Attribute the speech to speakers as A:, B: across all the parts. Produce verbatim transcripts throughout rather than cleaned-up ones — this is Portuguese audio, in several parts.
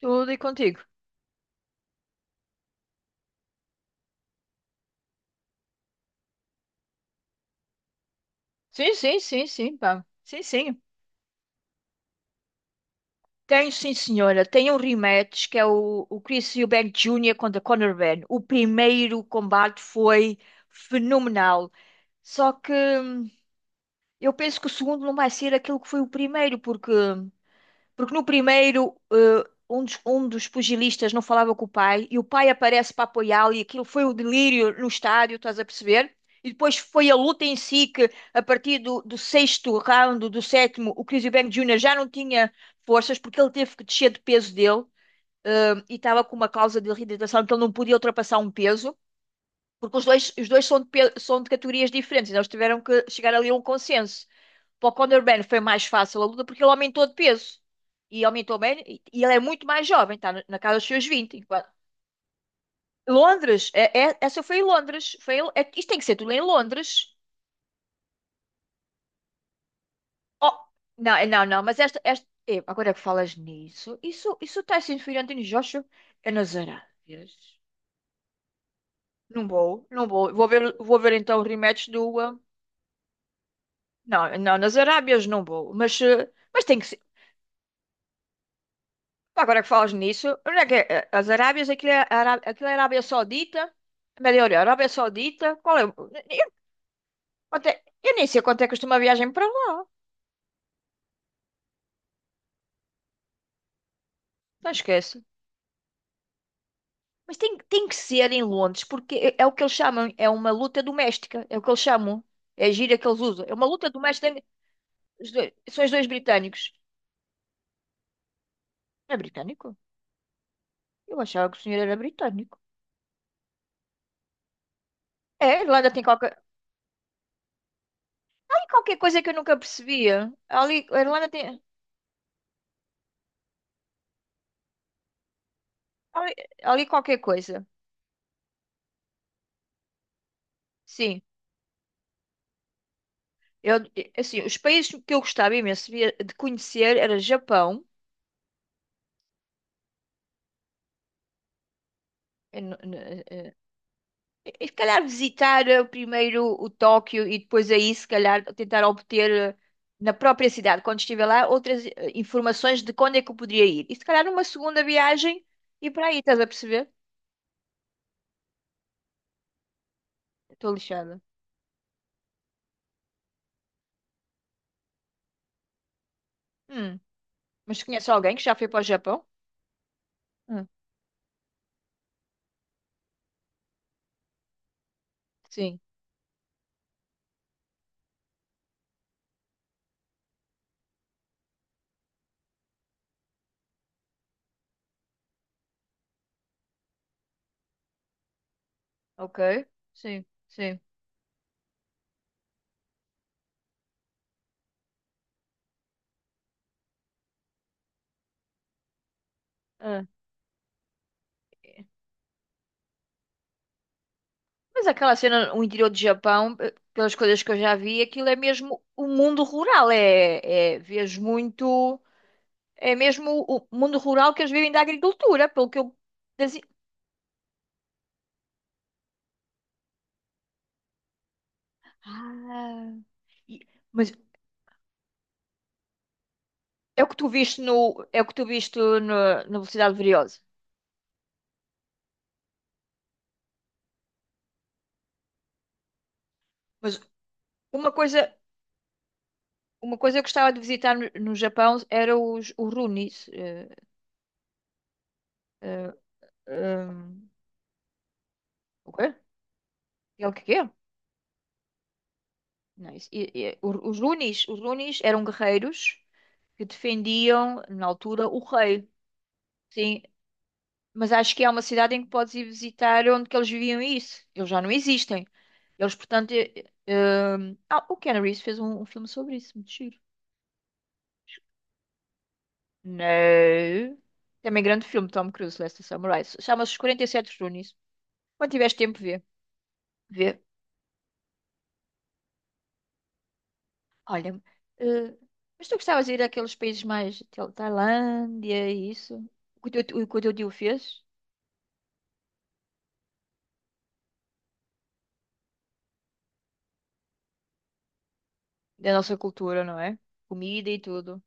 A: Tudo e contigo. Sim, sim, sim, sim, pá. Sim, sim. Tem, sim, senhora. Tem um rematch que é o, o Chris Eubank júnior contra Conor Benn. O primeiro combate foi fenomenal. Só que hum, eu penso que o segundo não vai ser aquilo que foi o primeiro, porque hum, Porque no primeiro, eh, um dos, um dos pugilistas não falava com o pai e o pai aparece para apoiá-lo, e aquilo foi o delírio no estádio, estás a perceber? E depois foi a luta em si que, a partir do, do sexto round, do sétimo, o Chris Eubank júnior já não tinha forças porque ele teve que descer de peso dele, eh, e estava com uma causa de reidratação que ele não podia ultrapassar um peso, porque os dois, os dois são de, pe- são de categorias diferentes, então eles tiveram que chegar ali a um consenso. Para o Conor Ben foi mais fácil a luta porque ele aumentou de peso. E aumentou bem. E e ele é muito mais jovem, está na na casa dos seus vinte, enquanto- Londres, é- é- essa foi em Londres. Foi em- é- isto tem que ser tudo em Londres. Oh, não, é- não, não, mas esta. esta é, agora que falas nisso, isso, isso está sendo Fernandinho Joshua, é nas Arábias. Não vou, não vou. Vou ver, vou ver então o rematch do. ah, não, não, nas Arábias não vou. Mas, eh, mas tem que ser. Agora que falas nisso, onde é que é? As Arábias, aquilo é, Ará- aquilo é Arábia Saudita, Médio Oriente, Arábia Saudita, qual é? o- Eu, até- eu nem sei quanto é que custa uma viagem para lá, não esquece. Mas tem, tem que ser em Londres, porque é, é o que eles chamam, é uma luta doméstica, é o que eles chamam, é a gíria que eles usam, é uma luta doméstica, entre os dois- são os dois britânicos. É britânico? Eu achava que o senhor era britânico. É, a Irlanda tem qualquer, tem qualquer coisa que eu nunca percebia. Ali, a Irlanda tem ali ali qualquer coisa, sim. Eu, eh, assim, os países que eu gostava imenso via- de conhecer era Japão. Eh, n- n- eh, eh, e se calhar visitar eh, primeiro o Tóquio, e depois aí se calhar tentar obter, eh, na própria cidade, quando estiver lá, outras eh, informações de quando é que eu poderia ir. E se calhar numa segunda viagem e para aí, estás a perceber? Estou lixada. Hum, Mas tu conheces alguém que já foi para o Japão? Hum. Sim. Ok. Sim, sim. Ah. Mas aquela cena, o interior do Japão, eh, pelas coisas que eu já vi, aquilo é mesmo o mundo rural. É, é vês muito. É mesmo o mundo rural, que eles vivem da agricultura, pelo que eu. das- Ah, e- mas é o que tu viste no. É o que tu viste no, na Velocidade Furiosa. Mas uma coisa. Uma coisa que eu gostava de visitar no, no Japão era os, os Runis. eh, eh, eh, o quê? É o que quê? Não, isso- e- e- o- os Runis, os Runis eram guerreiros que defendiam, na altura, o rei. Sim, mas acho que há uma cidade em que podes ir visitar onde que eles viviam isso. Eles já não existem. Eles, portanto. Eh, eh, ah, o Keanu Reeves fez um, um filme sobre isso, muito giro. Não. Também grande filme, Tom Cruise, Last Samurai. Chama-se Os quarenta e sete Runis. Quando tiveres tempo, vê. Vê. Olha, eh, mas tu gostavas de ir àqueles países mais Tal- Tailândia e isso? O que o teu, o que o teu tio fez? Da nossa cultura, não é? Comida e tudo.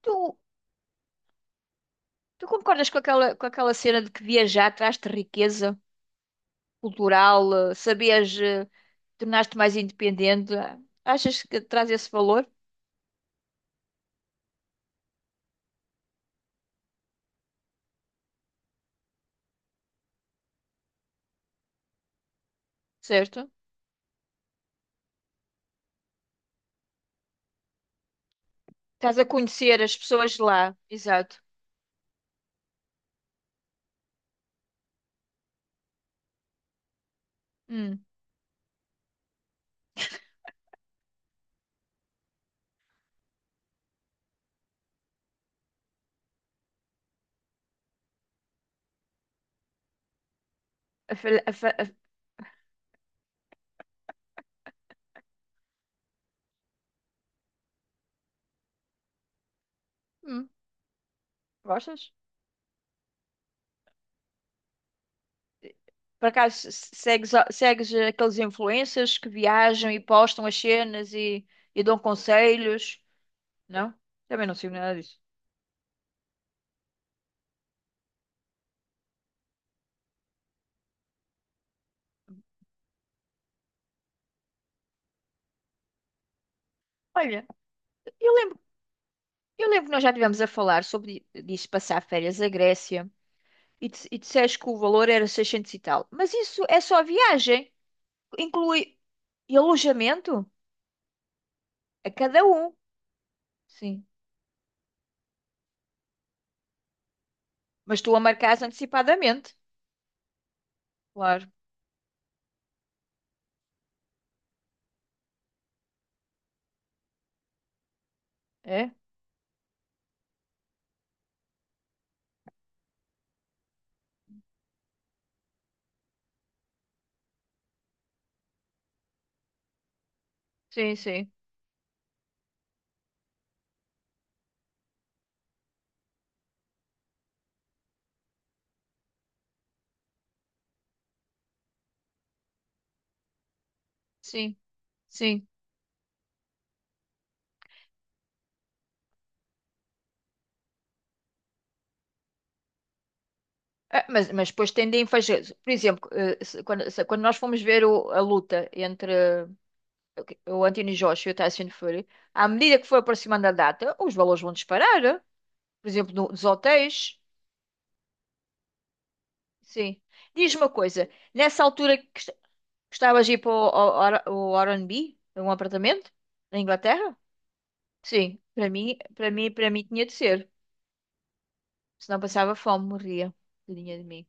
A: Tu, tu concordas com aquela, com aquela cena de que viajar traz-te riqueza cultural, eh, sabias, eh, tornar-te mais independente? Achas que traz esse valor, certo? Estás a conhecer as pessoas de lá, exato. Hum, a, fa- a, fa- a- hum, Gostas? Por acaso segues, segues aqueles influencers que viajam e postam as cenas, e, e dão conselhos? Não? Também não sigo nada disso. Olha, eu lembro, eu lembro que nós já estivemos a falar sobre di- disso, passar férias à Grécia e, dis- e disseste que o valor era seiscentos e tal. Mas isso é só a viagem. Inclui e alojamento a cada um. Sim. Mas tu a marcas antecipadamente. Claro. É? Sim, sim. Sim. Sim. Ah, Mas, mas depois tendem a fazer, por exemplo, eh, se- quando, se- quando nós fomos ver o- a luta entre, eh, o Anthony Joshua e o Tyson Fury, à medida que foi aproximando a data, os valores vão disparar, eh? Por exemplo, no- nos hotéis. Sim. Diz-me uma coisa, nessa altura que est- gostavas de ir para o, o, o R e B, um apartamento, na Inglaterra? Sim, para mim, para mim, para mim tinha de ser, senão passava fome, morria, tadinha de mim.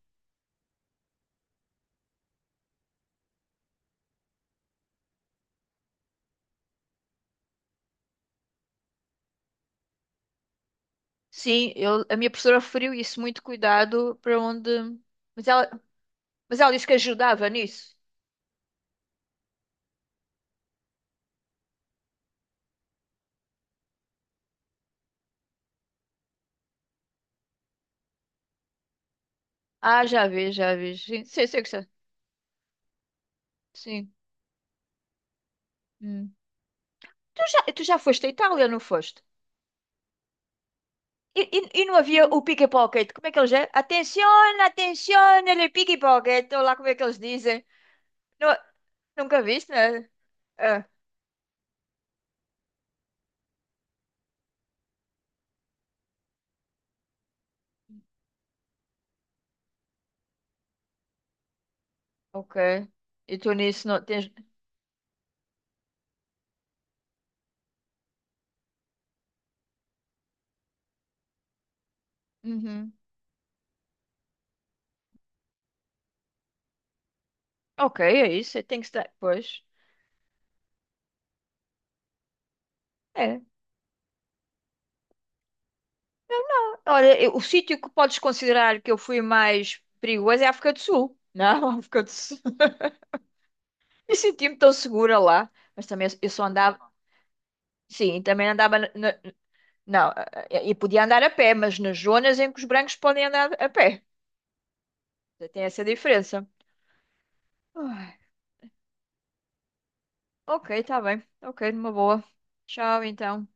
A: Sim, eu, a minha professora referiu isso, muito cuidado para onde. Mas ela, mas ela disse que ajudava nisso. Ah, já vi, já vi. Sim, sei, sei que já. Sim. Hum. Tu já, tu já foste à Itália, não foste? E, e, e não havia o pickpocket? Como é que eles é? Atenzione, atenzione, il pickpocket. Ou lá como é que eles dizem. Não- Nunca viste, né? Ah, ok. E tu nisso não tens. Uhum. Ok, é isso. é, Tem que estar. Pois. É. Olha, eu- o sítio que podes considerar que eu fui mais perigoso é a África do Sul. Não, a África do Sul. E senti-me tão segura lá. Mas também eu eu só andava. Sim, também andava. na- na- não, eh, eh, e podia andar a pé, mas nas zonas em que os brancos podem andar a pé. Tem essa diferença. Ai, ok, tá bem. Ok, numa boa. Tchau, então.